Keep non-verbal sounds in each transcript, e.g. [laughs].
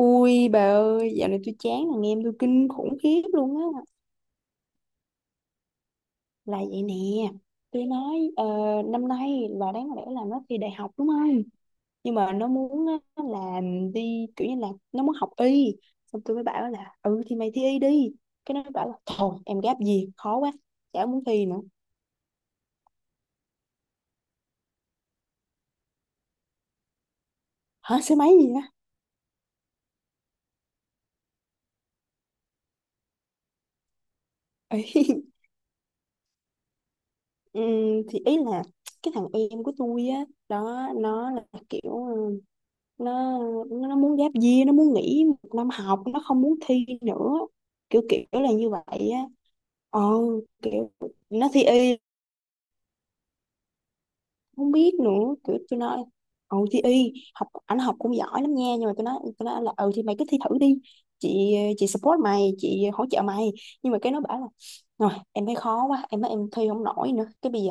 Ui bà ơi, dạo này tôi chán thằng em tôi kinh khủng khiếp luôn á. Là vậy nè, tôi nói năm nay là đáng lẽ là nó thi đại học đúng không? Nhưng mà nó muốn á, là đi kiểu như là nó muốn học y. Xong tôi mới bảo là ừ thì mày thi y đi. Cái nó bảo là thôi em gáp gì khó quá, chả muốn thi nữa. Hả số mấy gì á? [laughs] Ừ, thì ý là cái thằng em của tôi á đó nó là kiểu nó nó muốn giáp year, nó muốn nghỉ một năm học, nó không muốn thi nữa, kiểu kiểu là như vậy á. ờ Kiểu nó thi y, không biết nữa, kiểu tôi nói ừ thì y học ảnh học cũng giỏi lắm nha, nhưng mà tôi nói là ừ thì mày cứ thi thử đi, chị support mày, chị hỗ trợ mày, nhưng mà cái nó bảo là rồi em thấy khó quá, em nói em thi không nổi nữa, cái bây giờ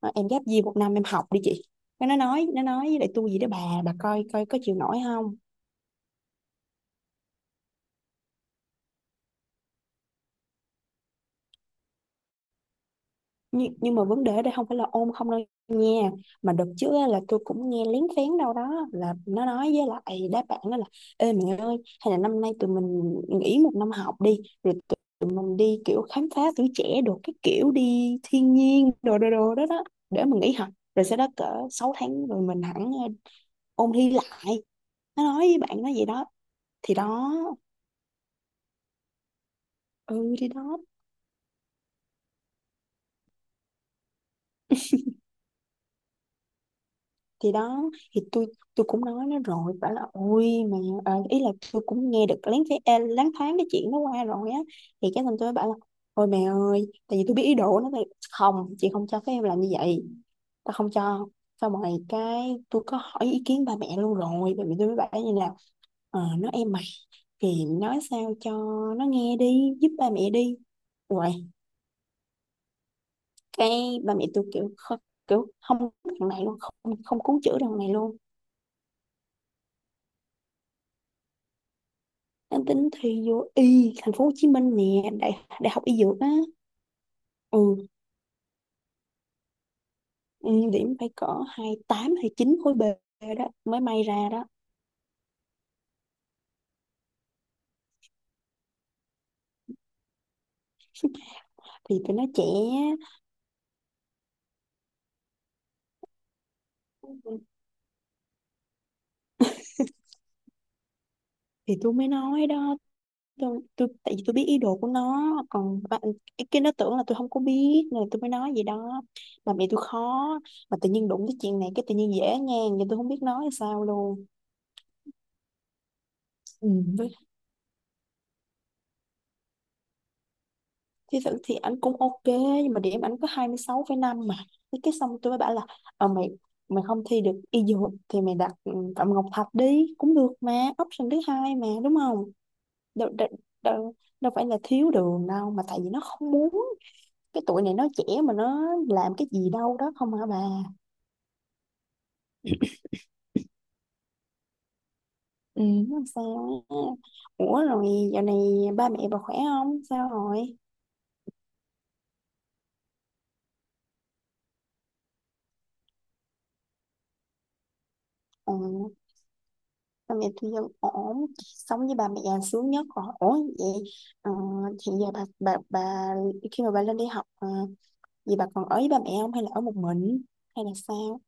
em ghép gì một năm em học đi chị. Cái nó nói với lại tôi gì đó, bà coi coi có chịu nổi không. Nhưng mà vấn đề ở đây không phải là ôn không đâu nha, mà đợt trước á, là tôi cũng nghe lén phén đâu đó là nó nói với lại đáp bạn đó là ê mẹ ơi hay là năm nay tụi mình nghỉ một năm học đi, rồi tụi tụi mình đi kiểu khám phá tuổi trẻ đồ, cái kiểu đi thiên nhiên đồ đồ đồ đó đó, để mình nghỉ học rồi sau đó cỡ 6 tháng rồi mình hẳn ôn thi lại. Nó nói với bạn nó vậy đó. Thì đó ừ thì đó thì đó thì Tôi cũng nói nó rồi, bảo là ôi mà ý là tôi cũng nghe được lén phé lén thoáng cái chuyện nó qua rồi á, thì cái xong tôi mới bảo là ôi mẹ ơi, tại vì tôi biết ý đồ nó, thì không, chị không cho phép em làm như vậy, ta không cho. Xong rồi cái tôi có hỏi ý kiến ba mẹ luôn, rồi ba mẹ tôi mới bảo như là nó em mày thì nói sao cho nó nghe đi, giúp ba mẹ đi. Rồi cái ba mẹ tôi kiểu kiểu không cứu thằng này luôn, không không cứu chữa thằng này luôn. Đang tính thi vô y thành phố Hồ Chí Minh nè, đại đại học y dược á. Ừ ừ, điểm phải cỡ hai mươi tám hay chín khối B đó mới may ra đó. Thì tụi nó trẻ. Thì tôi mới nói đó. Tôi tại vì tôi biết ý đồ của nó, còn bạn cái nó tưởng là tôi không có biết nên là tôi mới nói gì đó, mà mẹ tôi khó, mà tự nhiên đụng tới chuyện này cái tự nhiên dễ ngang vậy, tôi không biết nói sao luôn. Ừ. Thì thực thì anh cũng ok, nhưng mà điểm anh có 26,5 mà. Thế cái xong tôi mới bảo là mày, mày không thi được y dược thì mày đặt Phạm Ngọc Thạch đi cũng được mà, option thứ hai mà đúng không. Đâu, đâu, đâu, đâu phải là thiếu đường đâu, mà tại vì nó không muốn, cái tuổi này nó trẻ mà, nó làm cái gì đâu đó không hả bà. Ừ, nó làm sao á. Ủa rồi dạo này ba mẹ bà khỏe không, sao rồi. Ừ. Ba mẹ tôi vẫn ổn, sống với ba mẹ là sướng nhất rồi, ổn vậy. ờ, Hiện giờ bà khi mà bà lên đi học vậy bà còn ở với ba mẹ không, hay là ở một mình, hay là sao.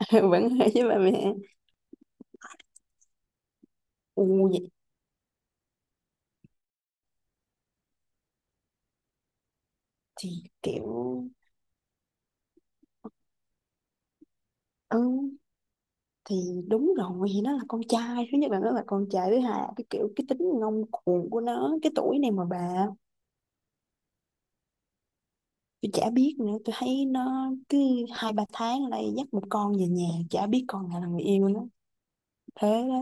[laughs] Vẫn ở với ba mẹ. Ừ, vậy. Thì kiểu ừ thì đúng rồi, thì nó là con trai thứ nhất, là nó là con trai thứ hai là cái kiểu cái tính ngông cuồng của nó cái tuổi này mà bà. Tôi chả biết nữa, tôi thấy nó cứ hai ba tháng lại dắt một con về nhà, chả biết con nào là người yêu nó. Thế đó.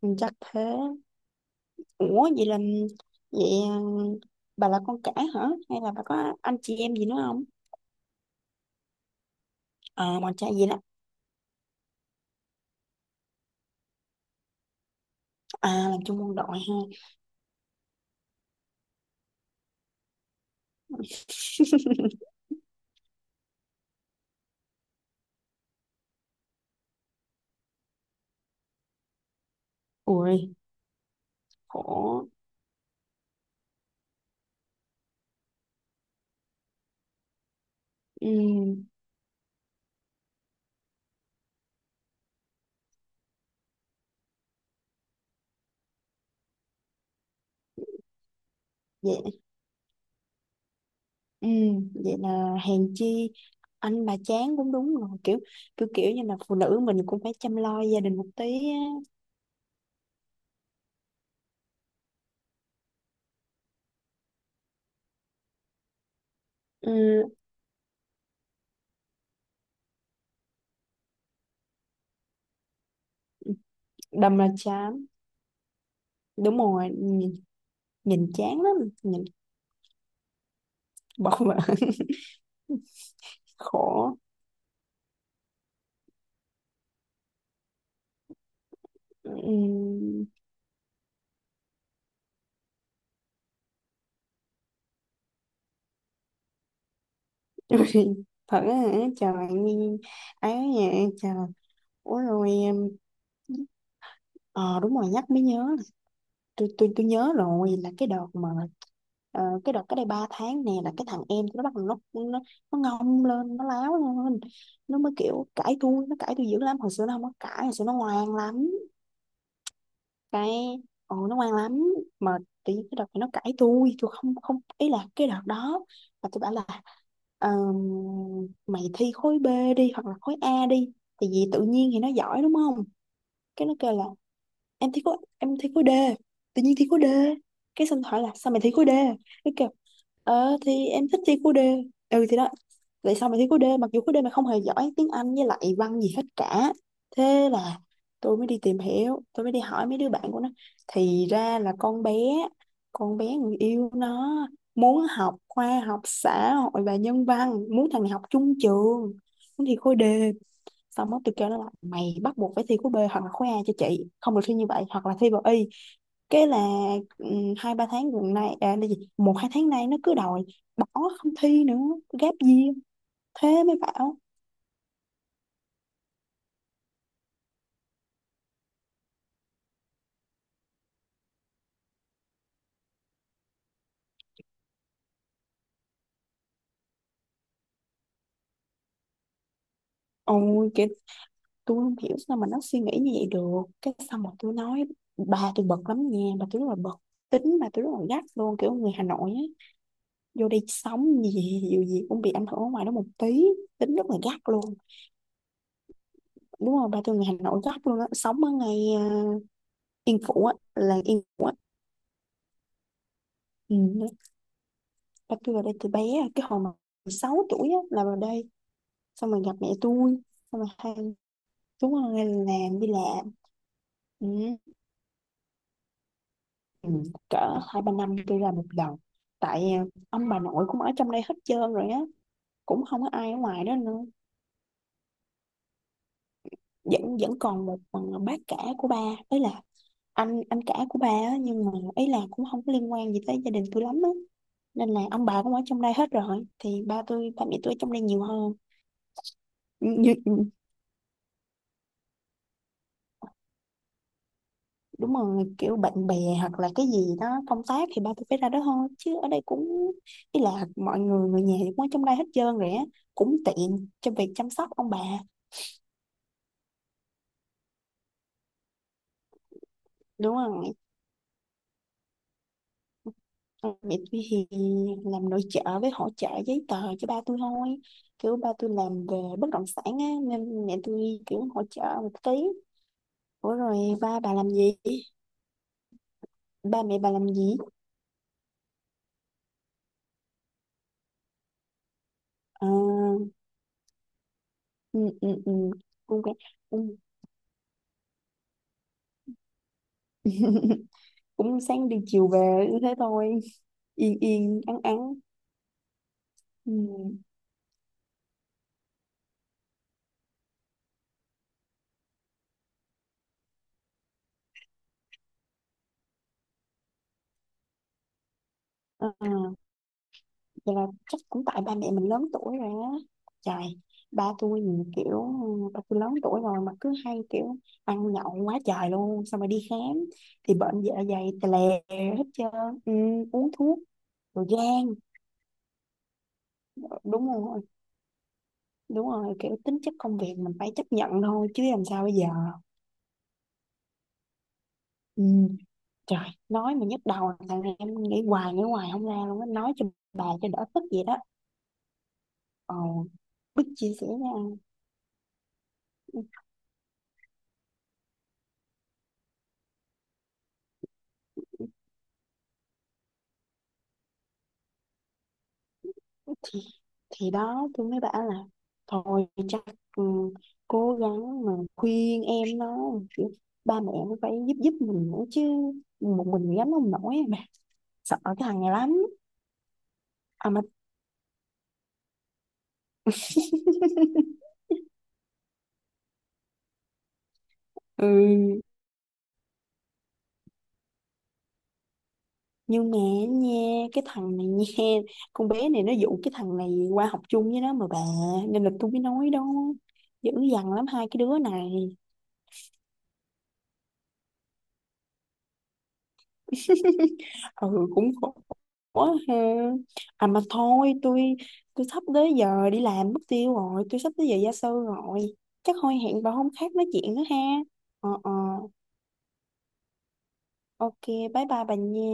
Ừ, chắc thế. Ủa vậy là vậy à, bà là con cả hả? Hay là bà có anh chị em gì nữa không? À bọn trai gì đó. À làm chung quân đội ha. [laughs] Ui khổ. Ừ, vậy ừ, là hèn chi anh bà chán cũng đúng rồi, kiểu kiểu kiểu như là phụ nữ mình cũng phải chăm lo gia đình một tí á. Ừ, đâm là chán. Đúng rồi, nhìn chán lắm nhìn. Bực mà [laughs] khổ. Ừ. Ui, [laughs] thật á hả? Trời ấy nha trời. Ủa rồi ờ đúng rồi, nhắc mới nhớ. Tôi nhớ rồi là cái đợt mà cái đợt cái đây 3 tháng nè là cái thằng em nó bắt đầu nó ngông lên, nó láo lên, nó mới kiểu cãi tôi, nó cãi tôi dữ lắm, hồi xưa nó không có cãi, hồi xưa nó ngoan lắm. Cái ồ nó ngoan lắm, mà tự nhiên cái đợt này nó cãi tôi không không ý là cái đợt đó mà tôi bảo là "Ờm, mày thi khối B đi hoặc là khối A đi thì vì tự nhiên thì nó giỏi đúng không. Cái nó kêu là em thi khối D, tự nhiên thi khối D. Cái xong hỏi là sao mày thi khối D, cái kêu thì em thích thi khối D. Ừ thì đó, tại sao mày thi khối D mặc dù khối D mày không hề giỏi tiếng Anh với lại văn gì hết cả. Thế là tôi mới đi tìm hiểu, tôi mới đi hỏi mấy đứa bạn của nó, thì ra là con bé người yêu nó muốn học khoa học xã hội và nhân văn, muốn thằng này học chung trường, muốn thi khối D. Xong đó tôi kêu nó là mày bắt buộc phải thi khối B hoặc là khối A cho chị, không được thi như vậy, hoặc là thi vào y. Cái là hai ba tháng gần nay là gì một hai tháng nay nó cứ đòi bỏ, không thi nữa, gap year. Thế mới bảo ôi chị, tôi không hiểu sao mà nó suy nghĩ như vậy được. Cái xong rồi tôi nói, bà tôi bực lắm nha, bà tôi rất là bực, tính bà tôi rất là gắt luôn, kiểu người Hà Nội á, vô đây sống gì gì gì cũng bị ảnh hưởng ở ngoài đó một tí, tính rất là gắt luôn. Đúng rồi, ba tôi người Hà Nội gắt luôn á, sống ở ngày Yên Phụ á, ừ. Là tôi vào đây từ bé cái hồi mà 6 tuổi á là vào đây, xong rồi gặp mẹ tôi, xong rồi chúng tôi làm đi làm. Ừ. Ừ. Cỡ hai ba năm tôi làm một lần, tại ông bà nội cũng ở trong đây hết trơn rồi á, cũng không có ai ở ngoài đó nữa. Vẫn vẫn còn một bác cả của ba, ấy là anh cả của ba á, nhưng mà ấy là cũng không có liên quan gì tới gia đình tôi lắm á, nên là ông bà cũng ở trong đây hết rồi thì ba mẹ tôi ở trong đây nhiều hơn. Như- ừ, đúng rồi, kiểu bạn bè hoặc là cái gì đó công tác thì ba tôi phải ra đó thôi, chứ ở đây cũng ý là mọi người người nhà thì cũng ở trong đây hết trơn rồi á, cũng tiện cho việc chăm sóc ông bà. Đúng rồi. Còn mẹ tôi thì làm nội trợ với hỗ trợ giấy tờ cho ba tôi thôi, kiểu ba tôi làm về bất động sản á nên mẹ tôi kiểu hỗ trợ một tí. Ủa rồi ba bà làm gì, ba mẹ bà làm gì. Ờ, ừ, ừ, ừ. Ok. Ừ. [laughs] Cũng sáng đi chiều về như thế thôi, yên yên ắng ắng. Ừ. à, Vậy là chắc cũng tại ba mẹ mình lớn tuổi rồi á. Trời, ba tôi nhìn kiểu ba tôi lớn tuổi rồi mà cứ hay kiểu ăn nhậu quá trời luôn, xong rồi đi khám thì bệnh dạ dày tè lè hết trơn. Ừ, uống thuốc rồi gan. Đúng rồi, đúng rồi, kiểu tính chất công việc mình phải chấp nhận thôi chứ làm sao bây giờ. Ừ. Trời, nói mà nhức đầu, thằng này em nghĩ hoài không ra luôn á, nói cho bà cho đỡ tức vậy đó. ờ Bích chia sẻ với anh. Thì thì đó tôi mới bảo là thôi chắc ừ, cố gắng mà khuyên em nó, kiểu, ba mẹ cũng phải giúp giúp mình nữa chứ, một mình gánh không nổi bà, sợ cái thằng này lắm. À mà Ừ, nhưng mà nha cái thằng này nha, con bé này nó dụ cái thằng này qua học chung với nó mà bà, nên là tôi mới nói đó, dữ dằn lắm hai cái đứa này. [laughs] Ừ cũng khổ ha. À mà thôi tôi sắp tới giờ đi làm mất tiêu rồi, tôi sắp tới giờ gia sư rồi, chắc thôi hẹn bà hôm khác nói chuyện nữa ha. Ờ ờ, ok, bye bye bà nha.